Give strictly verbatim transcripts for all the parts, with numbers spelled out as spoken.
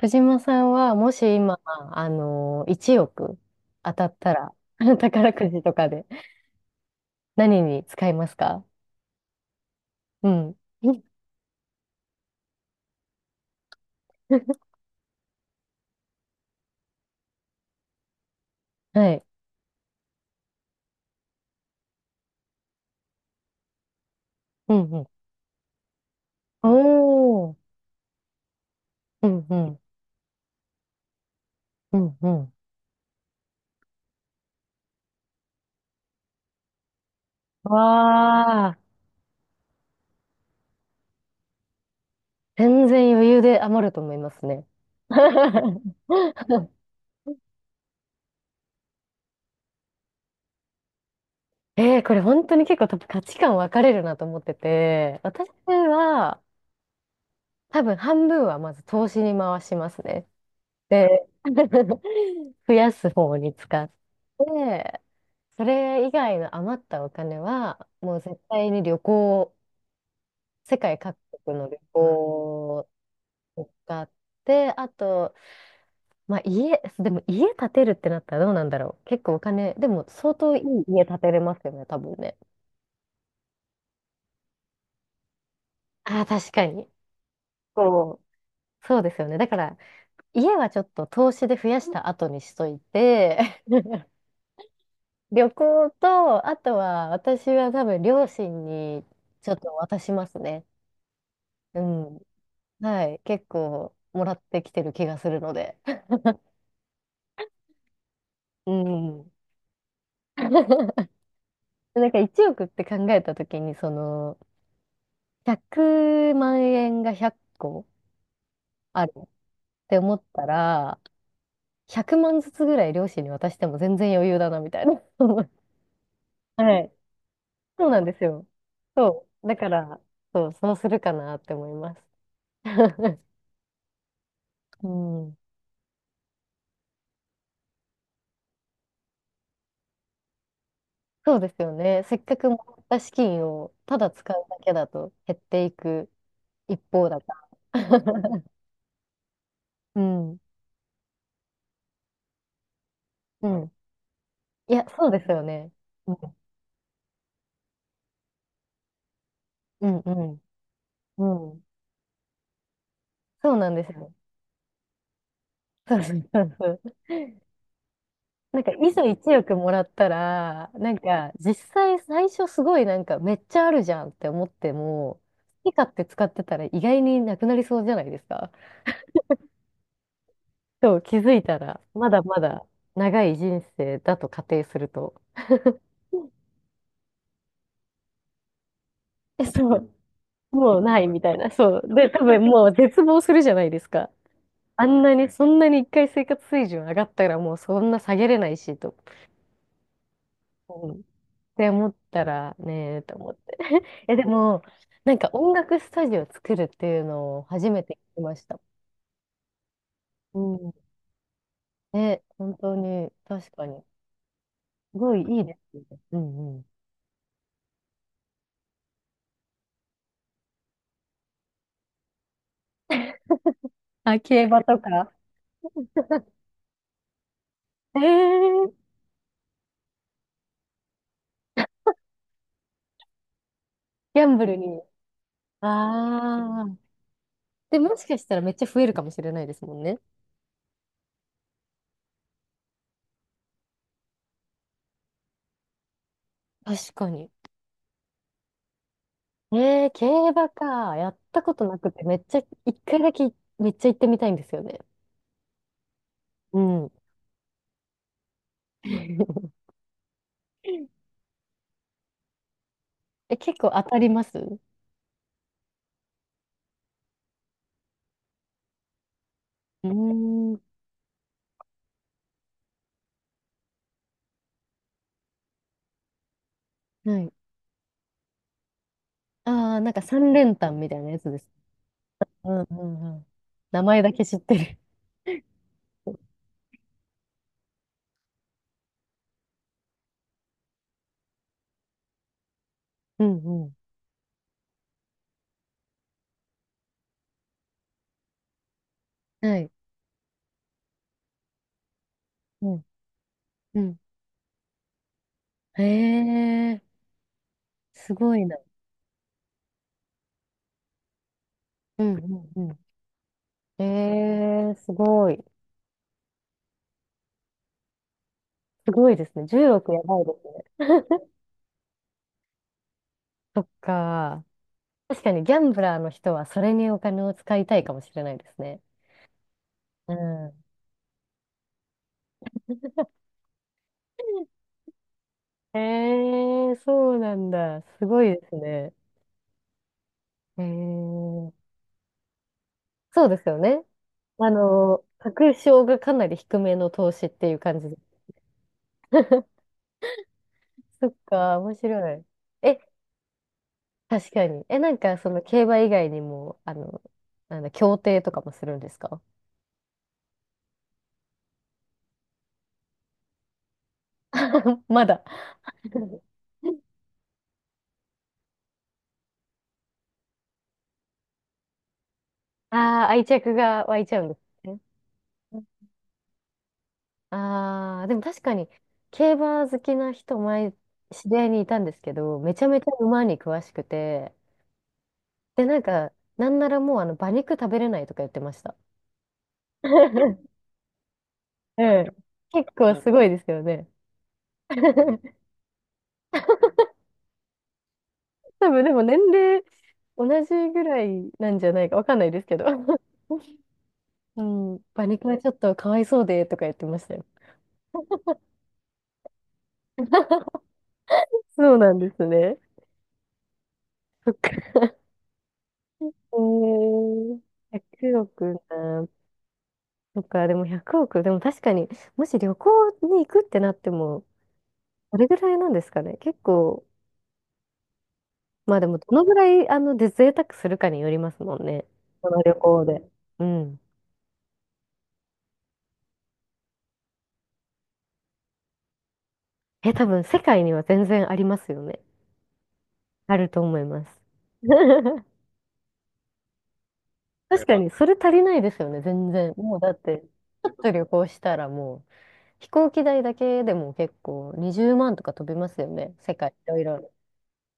藤間さんは、もし今、あの、いちおく当たったら、宝くじとかで何に使いますか？うん。はい。うんうん。おー。うんうん。うんうん。わあ、全然余裕で余ると思いますね。えー、これ本当に結構多分価値観分かれるなと思ってて、私は多分半分はまず投資に回しますね。で、増やす方に使って、それ以外の余ったお金は、もう絶対に旅行、世界各国の旅行を使って、あと、まあ家、でも家建てるってなったらどうなんだろう。結構お金、でも相当いい家建てれますよね、多分ね。ああ、確かに。そう、そうですよね。だから、家はちょっと投資で増やした後にしといて、旅行と、あとは私は多分両親にちょっと渡しますね。うん。はい。結構もらってきてる気がするので。うん。なんかいちおくって考えたときに、その、ひゃくまん円がひゃっこあるって思ったら、ひゃくまんずつぐらい両親に渡しても全然余裕だな、みたいな。はい。そうなんですよ。そう。だから、そう、そうするかなって思います。うん。そうですよね。せっかくもらった資金をただ使うだけだと減っていく一方だから。うん。うん。いや、そうですよね。うん。うん、うん。うん。そうなんですよ。そうそうそうそう。なんか、いざいちおくもらったら、なんか、実際最初すごいなんか、めっちゃあるじゃんって思っても、好き勝手使ってたら意外になくなりそうじゃないですか。そう、気づいたら、まだまだ長い人生だと仮定すると。え、そう、もうないみたいな。そう。で、多分もう絶望するじゃないですか。あんなに、そんなに一回生活水準上がったらもうそんな下げれないしと、うんって思ったらねえと思って。え、でも、なんか音楽スタジオ作るっていうのを初めて聞きました。うん。ね、本当に、確かに。すごいいいですよね。うんうん。あ、競馬とか。えー、ギャンブルに。ああ。で、もしかしたらめっちゃ増えるかもしれないですもんね。確かに。えー、競馬か。やったことなくて、めっちゃ、一回だけめっちゃ行ってみたいんですよね。うん。え、結構当たります？ うーん。はい。ああ、なんか三連単みたいなやつです。うんうんうん。名前だけ知ってる。うんうん。はい。うん。うん。へえ、すごいな。うんうんうん。えー、すごい。すごいですね。じゅうおくやばいですね。そっか。確かにギャンブラーの人はそれにお金を使いたいかもしれないですね。うん。えー、そうなんだ。すごいですね。ええ、そうですよね。あの、確証がかなり低めの投資っていう感じで。そっか、面白い。え、確かに。え、なんか、その競馬以外にも、あの、なんだ、競艇とかもするんですか？ まだ。ああ、愛着が湧いちゃうんですね。ああ、でも確かに、競馬好きな人、前、知り合いにいたんですけど、めちゃめちゃ馬に詳しくて、で、なんか、なんならもう、あの、馬肉食べれないとか言ってました。うん。結構すごいですよね。多分、でも年齢、同じぐらいなんじゃないか、わかんないですけど。うん、馬肉はちょっとかわいそうで、とか言ってましたよ。そうなんですね。そっか。えー、ひゃくおくな。そっか、でもいちおく、でも確かに、もし旅行に行くってなっても、どれぐらいなんですかね。結構、まあでも、どのぐらい、あの、で、贅沢するかによりますもんね。この旅行で。うん。え、多分、世界には全然ありますよね。あると思います。確かに、それ足りないですよね、全然。もう、だって、ちょっと旅行したらもう、飛行機代だけでも結構にじゅうまんとか飛びますよね。世界、いろいろ、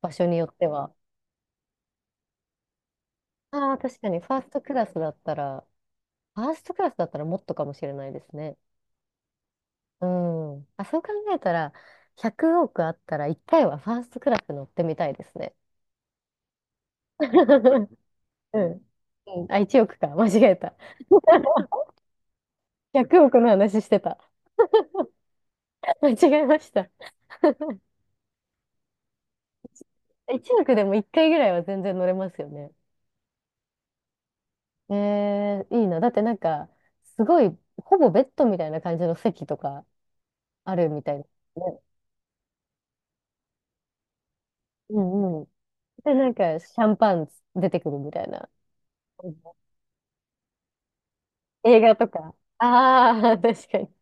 場所によっては。ああ、確かに、ファーストクラスだったら、ファーストクラスだったらもっとかもしれないですね。うん。あ、そう考えたら、ひゃくおくあったらいっかいはファーストクラス乗ってみたいですね。うん。うんあ、いちおくか。間違えた。ひゃくおくの話してた。間違えました。いちおくでもいっかいぐらいは全然乗れますよね。えー、いいな。だってなんか、すごい、ほぼベッドみたいな感じの席とかあるみたいなね。うんうん。で、なんか、シャンパン出てくるみたいな。映画とか。ああ、確かに。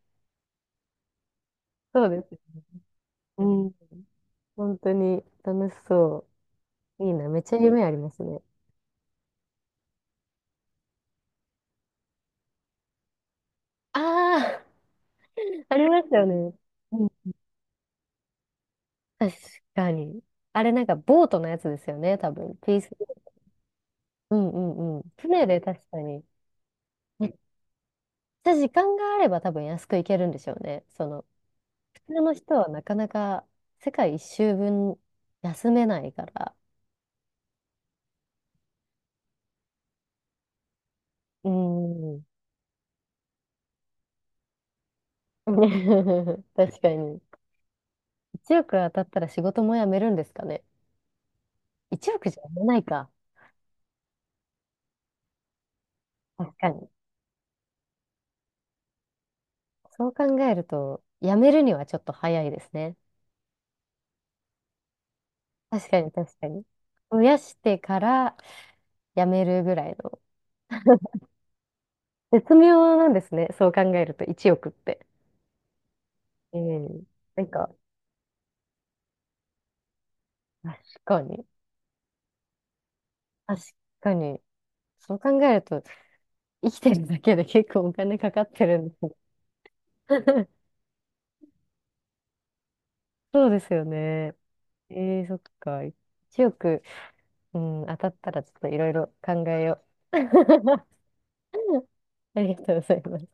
そうです。うん。本当に楽しそう。いいな。めっちゃ夢ありますね。ああ、ありますよね。うん。確かに。あれなんかボートのやつですよね、多分。ピース。うんうんうん。船で確かに。めっちゃ時間があれば多分安く行けるんでしょうね。その、普通の人はなかなか世界一周分休めないから。うん。確かに。いちおく当たったら仕事も辞めるんですかね。いちおくじゃ辞めないか。確かに。そう考えると、辞めるにはちょっと早いですね。確かに、確かに。増やしてから辞めるぐらいの。絶妙なんですね。そう考えると、いちおくって。うん。なんか、確かに。確かに。そう考えると、生きてるだけで結構お金かかってるんですね。そうですよね。えー、そっか。いちおく。うん、当たったらちょっといろいろ考えよう。ありがとうございます。